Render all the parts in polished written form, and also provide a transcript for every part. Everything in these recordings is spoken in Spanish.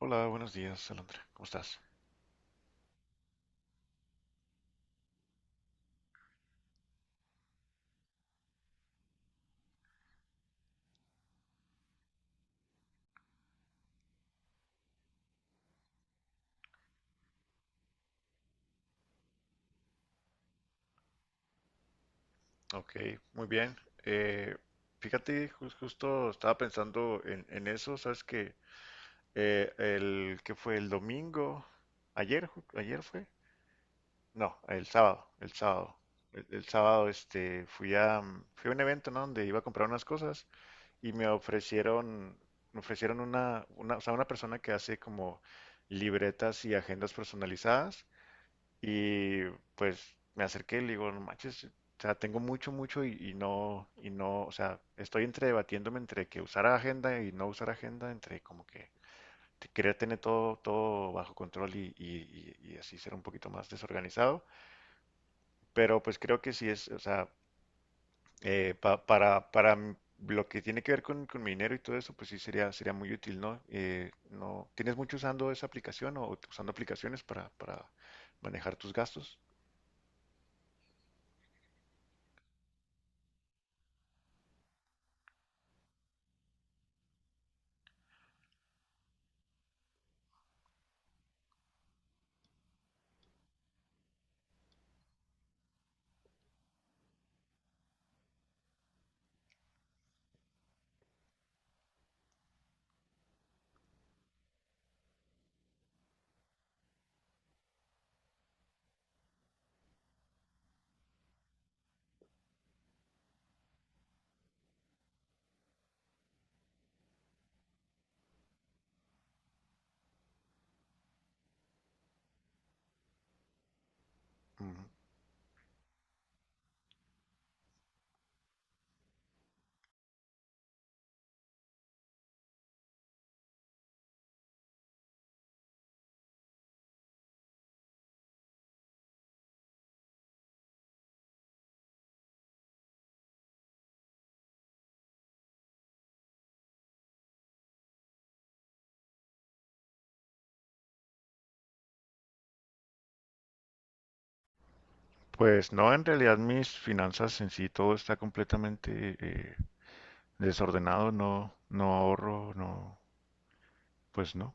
Hola, buenos días, Alondra. ¿Cómo estás? Ok, muy bien. Eh, Fíjate, justo estaba pensando en eso. ¿Sabes que el que fue el domingo, ayer, ayer fue? No, el sábado, el sábado. El sábado este, fui a un evento, ¿no? Donde iba a comprar unas cosas y me ofrecieron o sea, una persona que hace como libretas y agendas personalizadas. Y pues me acerqué y le digo, no manches, o sea, tengo mucho, mucho y no, o sea, estoy entre debatiéndome entre que usar agenda y no usar agenda, entre como que querer tener todo, todo bajo control y, y así ser un poquito más desorganizado. Pero pues creo que sí es, o sea, para lo que tiene que ver con mi dinero y todo eso, pues sí sería, sería muy útil, ¿no? No, ¿tienes mucho usando esa aplicación o usando aplicaciones para manejar tus gastos? Pues no, en realidad mis finanzas en sí todo está completamente desordenado. No, no ahorro, no, pues no.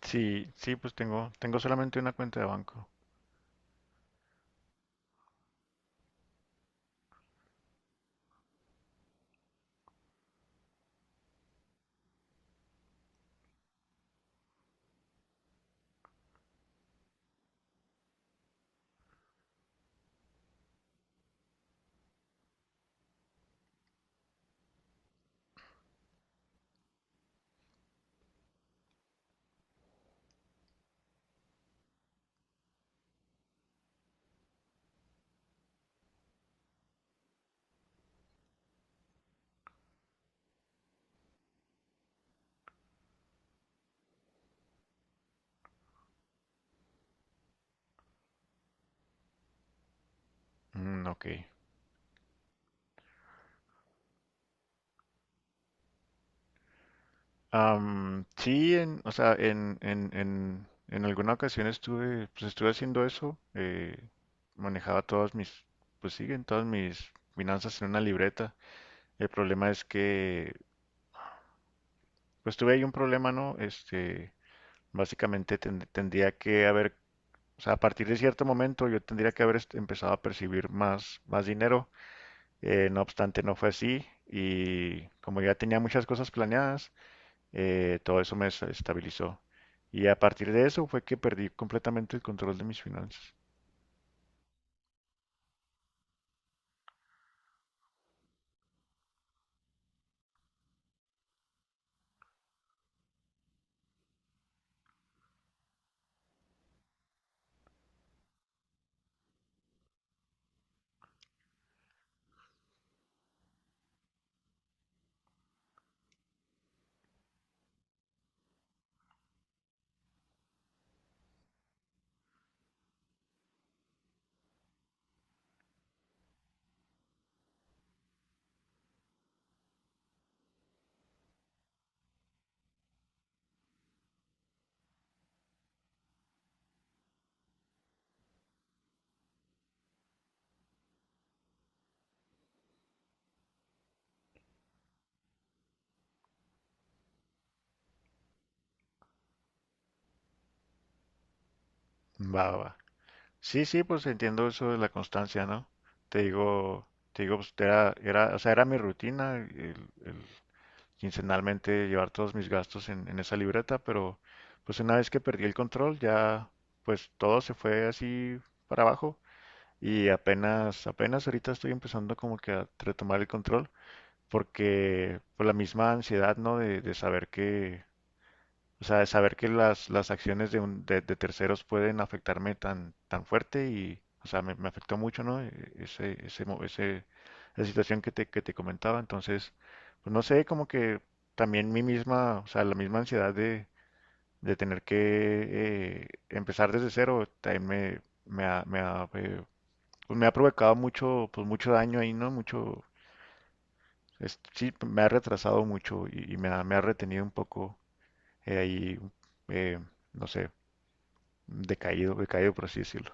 Sí, sí, pues tengo, tengo solamente una cuenta de banco. Mm, ok. Sí, en, o sea, en alguna ocasión estuve, pues estuve haciendo eso. Eh, manejaba todas mis, pues siguen todas mis finanzas en una libreta. El problema es que, pues tuve ahí un problema, ¿no? Este, básicamente tendría que haber. O sea, a partir de cierto momento yo tendría que haber empezado a percibir más, más dinero. No obstante, no fue así. Y como ya tenía muchas cosas planeadas, todo eso me estabilizó. Y a partir de eso fue que perdí completamente el control de mis finanzas. Va, va, va. Sí, sí, pues entiendo eso de la constancia, ¿no? Te digo, te digo, pues, era, era, o sea, era mi rutina, el quincenalmente llevar todos mis gastos en esa libreta, pero pues una vez que perdí el control ya, pues todo se fue así para abajo, y apenas, apenas ahorita estoy empezando como que a retomar el control, porque por la misma ansiedad, ¿no? De saber que, o sea, saber que las acciones de terceros pueden afectarme tan, tan fuerte y, o sea, me afectó mucho, ¿no? Esa situación que te comentaba. Entonces, pues no sé, como que también mi misma, o sea, la misma ansiedad de tener que empezar desde cero, también me ha, pues me ha provocado mucho, pues mucho daño ahí, ¿no? Mucho, sí, me ha retrasado mucho y me ha retenido un poco, eh, ahí, eh, no sé. Decaído, decaído por así decirlo.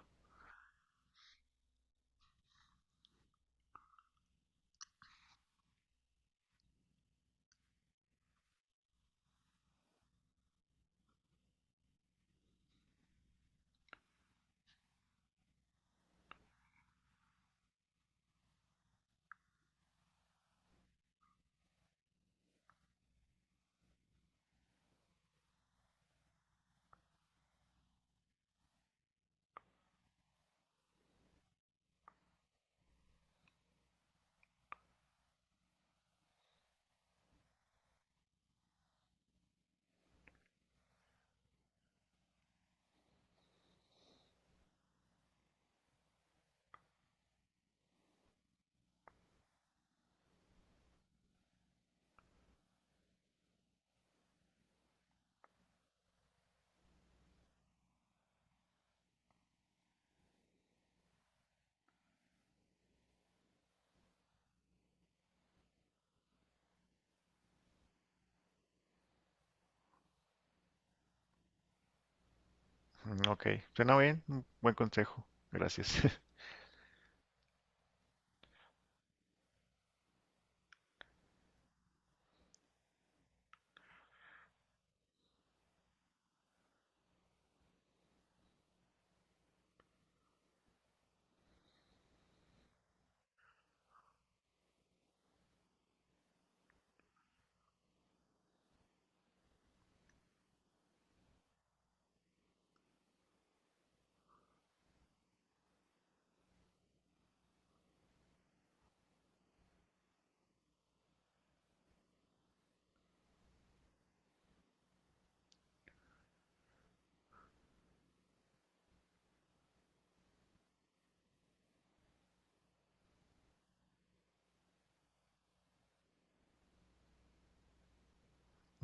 Mm, ok, suena bien, un buen consejo, gracias.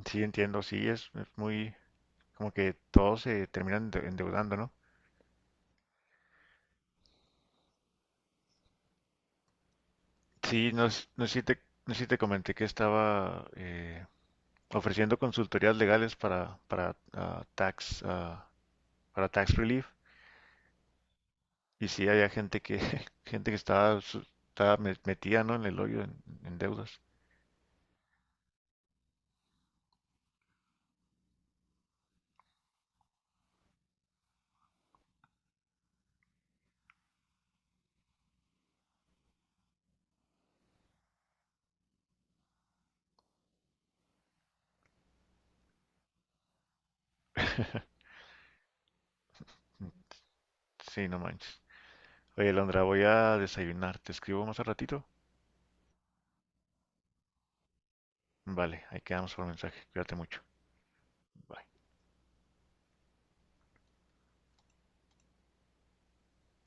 Sí, entiendo, sí, es muy, como que todos se terminan endeudando, ¿no? Sí, no, no sé si te, no sé si te comenté que estaba ofreciendo consultorías legales para, para tax relief, y sí había gente que, gente que estaba, metida, ¿no? En el hoyo en deudas. Sí, no manches. Oye, Londra, voy a desayunar, ¿te escribo más al ratito? Vale, ahí quedamos por mensaje. Cuídate mucho. Bye.